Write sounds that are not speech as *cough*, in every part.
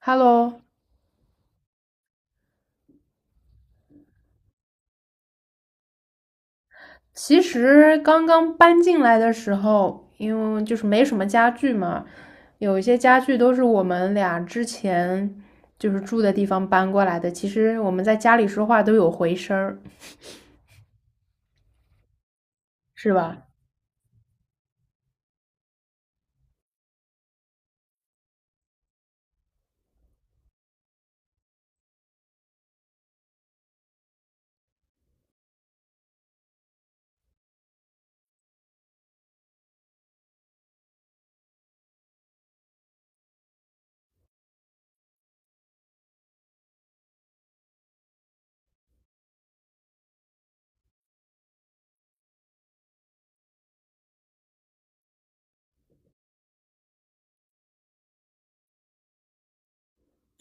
Hello，其实刚刚搬进来的时候，因为就是没什么家具嘛，有一些家具都是我们俩之前就是住的地方搬过来的。其实我们在家里说话都有回声儿，是吧？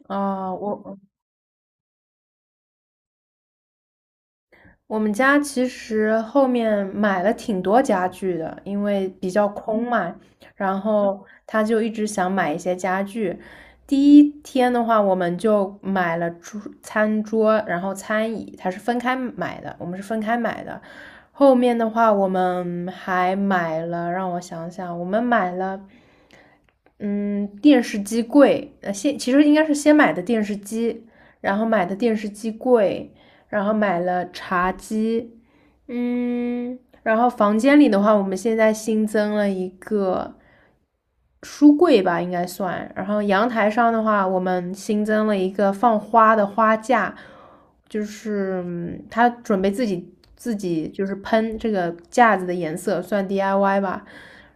啊、我我们家其实后面买了挺多家具的，因为比较空嘛，然后他就一直想买一些家具。第一天的话，我们就买了餐桌，然后餐椅，他是分开买的，我们是分开买的。后面的话，我们还买了，让我想想，我们买了。嗯，电视机柜，其实应该是先买的电视机，然后买的电视机柜，然后买了茶几，然后房间里的话，我们现在新增了一个书柜吧，应该算。然后阳台上的话，我们新增了一个放花的花架，就是他准备自己就是喷这个架子的颜色，算 DIY 吧。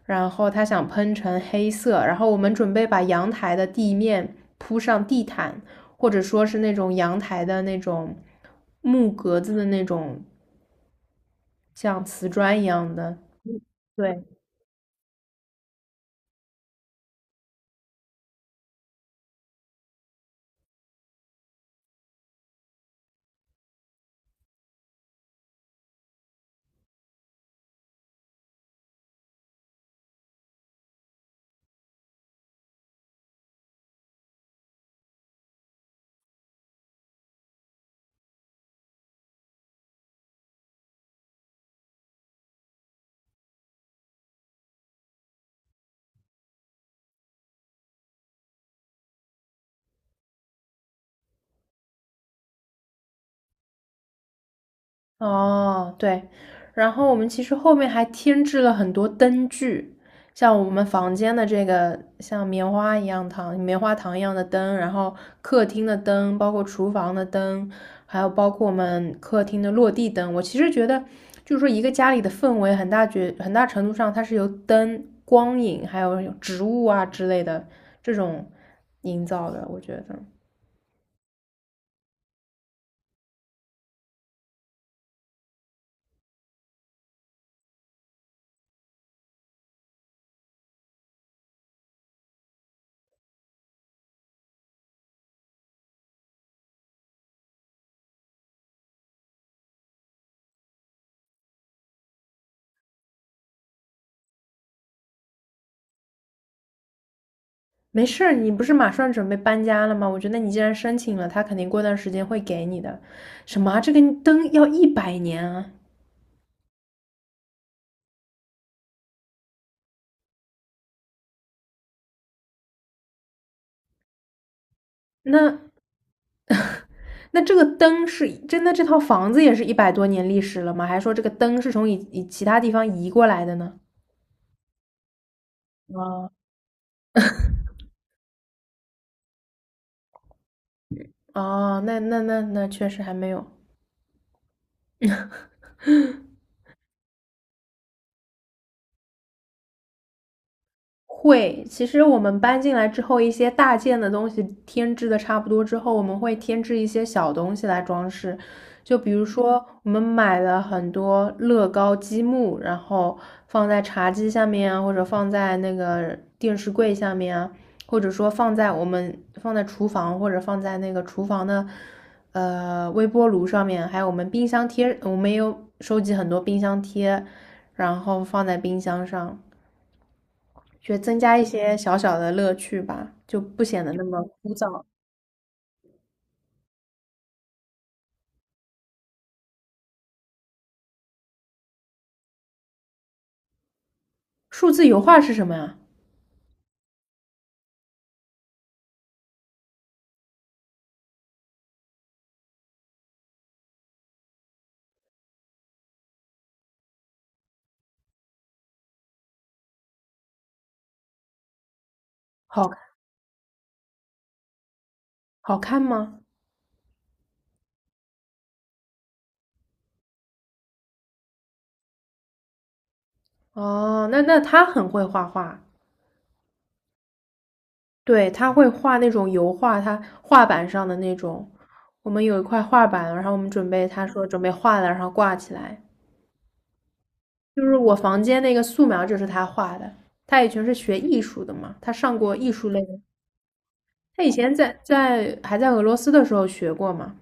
然后他想喷成黑色，然后我们准备把阳台的地面铺上地毯，或者说是那种阳台的那种木格子的那种像瓷砖一样的。对，哦，对，然后我们其实后面还添置了很多灯具，像我们房间的这个像棉花糖一样的灯，然后客厅的灯，包括厨房的灯，还有包括我们客厅的落地灯。我其实觉得，就是说一个家里的氛围很大很大程度上它是由灯、光影，还有植物啊之类的这种营造的，我觉得。没事儿，你不是马上准备搬家了吗？我觉得你既然申请了，他肯定过段时间会给你的。什么啊这个灯要100年啊？那 *laughs* 那这个灯是真的？这套房子也是100多年历史了吗？还是说这个灯是从以其他地方移过来的呢？啊 *laughs*，哦，那确实还没有。会，其实我们搬进来之后，一些大件的东西添置的差不多之后，我们会添置一些小东西来装饰。就比如说，我们买了很多乐高积木，然后放在茶几下面啊，或者放在那个电视柜下面啊，或者说放在厨房，或者放在那个厨房的微波炉上面，还有我们冰箱贴，我们也有收集很多冰箱贴，然后放在冰箱上。觉得增加一些小小的乐趣吧，就不显得那么。数字油画是什么呀？好。好看吗？哦，那他很会画画，对，他会画那种油画，他画板上的那种。我们有一块画板，然后我们准备，他说准备画了，然后挂起来。就是我房间那个素描就是他画的，他以前是学艺术的嘛，他上过艺术类的，他以前在还在俄罗斯的时候学过嘛，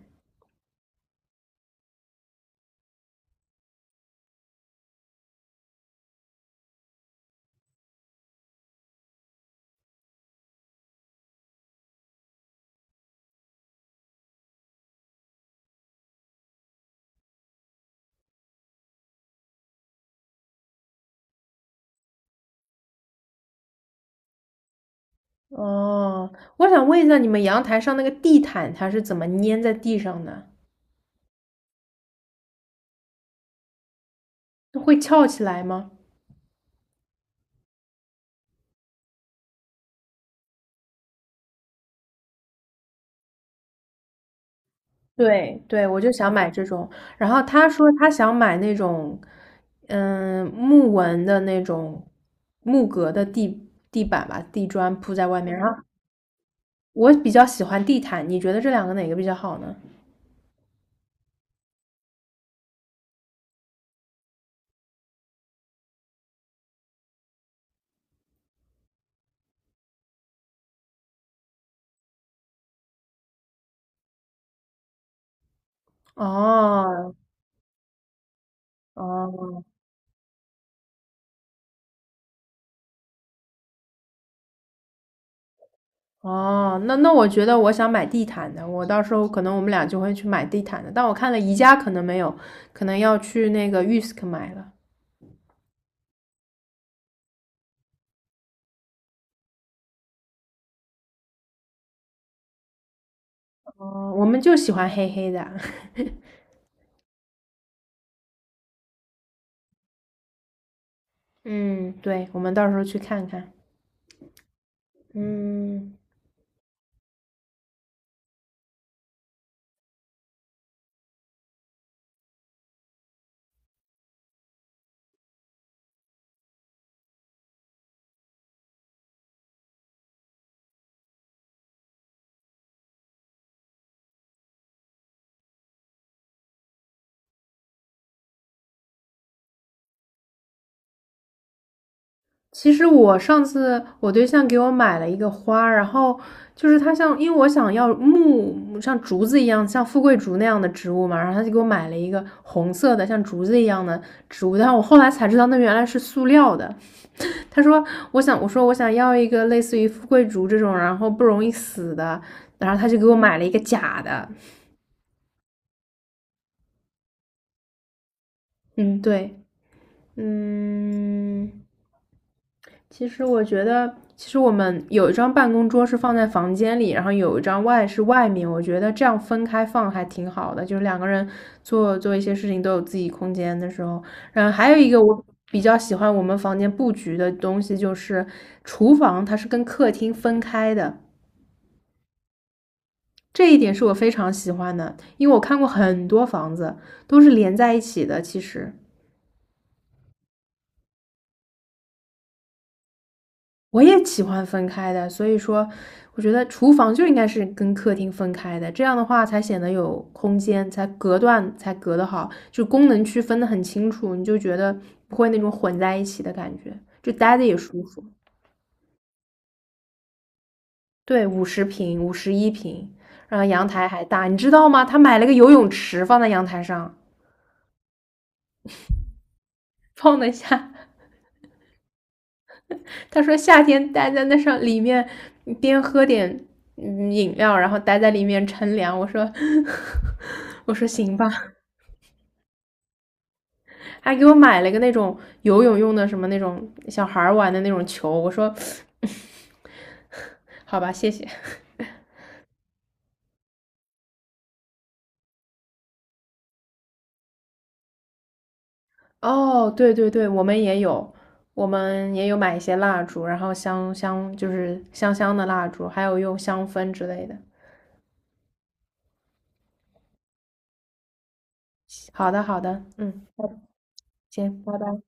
哦，我想问一下，你们阳台上那个地毯它是怎么粘在地上的？会翘起来吗？对对，我就想买这种。然后他说他想买那种，木纹的那种木格的地板吧，地砖铺在外面。然后我比较喜欢地毯，你觉得这两个哪个比较好呢？哦哦，哦，那我觉得我想买地毯的，我到时候可能我们俩就会去买地毯的。但我看了宜家可能没有，可能要去那个 Yusk 买了。哦，我们就喜欢黑黑的。*laughs* 嗯，对，我们到时候去看看。嗯，其实我上次我对象给我买了一个花，然后就是它像，因为我想要像竹子一样，像富贵竹那样的植物嘛，然后他就给我买了一个红色的像竹子一样的植物，但我后来才知道那原来是塑料的。他说：“我想，我说我想要一个类似于富贵竹这种，然后不容易死的。”然后他就给我买了一个假的。嗯，对，嗯，其实我觉得，其实我们有一张办公桌是放在房间里，然后有一张是外面。我觉得这样分开放还挺好的，就是两个人做做一些事情都有自己空间的时候。然后还有一个我比较喜欢我们房间布局的东西，就是厨房它是跟客厅分开的。这一点是我非常喜欢的，因为我看过很多房子都是连在一起的。其实我也喜欢分开的，所以说我觉得厨房就应该是跟客厅分开的，这样的话才显得有空间，才隔得好，就功能区分得很清楚，你就觉得不会那种混在一起的感觉，就待着也舒服。对，50平、51平，然后阳台还大，你知道吗？他买了个游泳池放在阳台上，放得下。他说夏天待在里面，边喝点饮料，然后待在里面乘凉。我说，*laughs* 我说行吧，还给我买了个那种游泳用的什么那种小孩玩的那种球。我说，*laughs* 好吧，谢谢。哦，对对对，我们也有买一些蜡烛，然后就是香香的蜡烛，还有用香氛之类的。好的，好的，嗯，行，拜拜。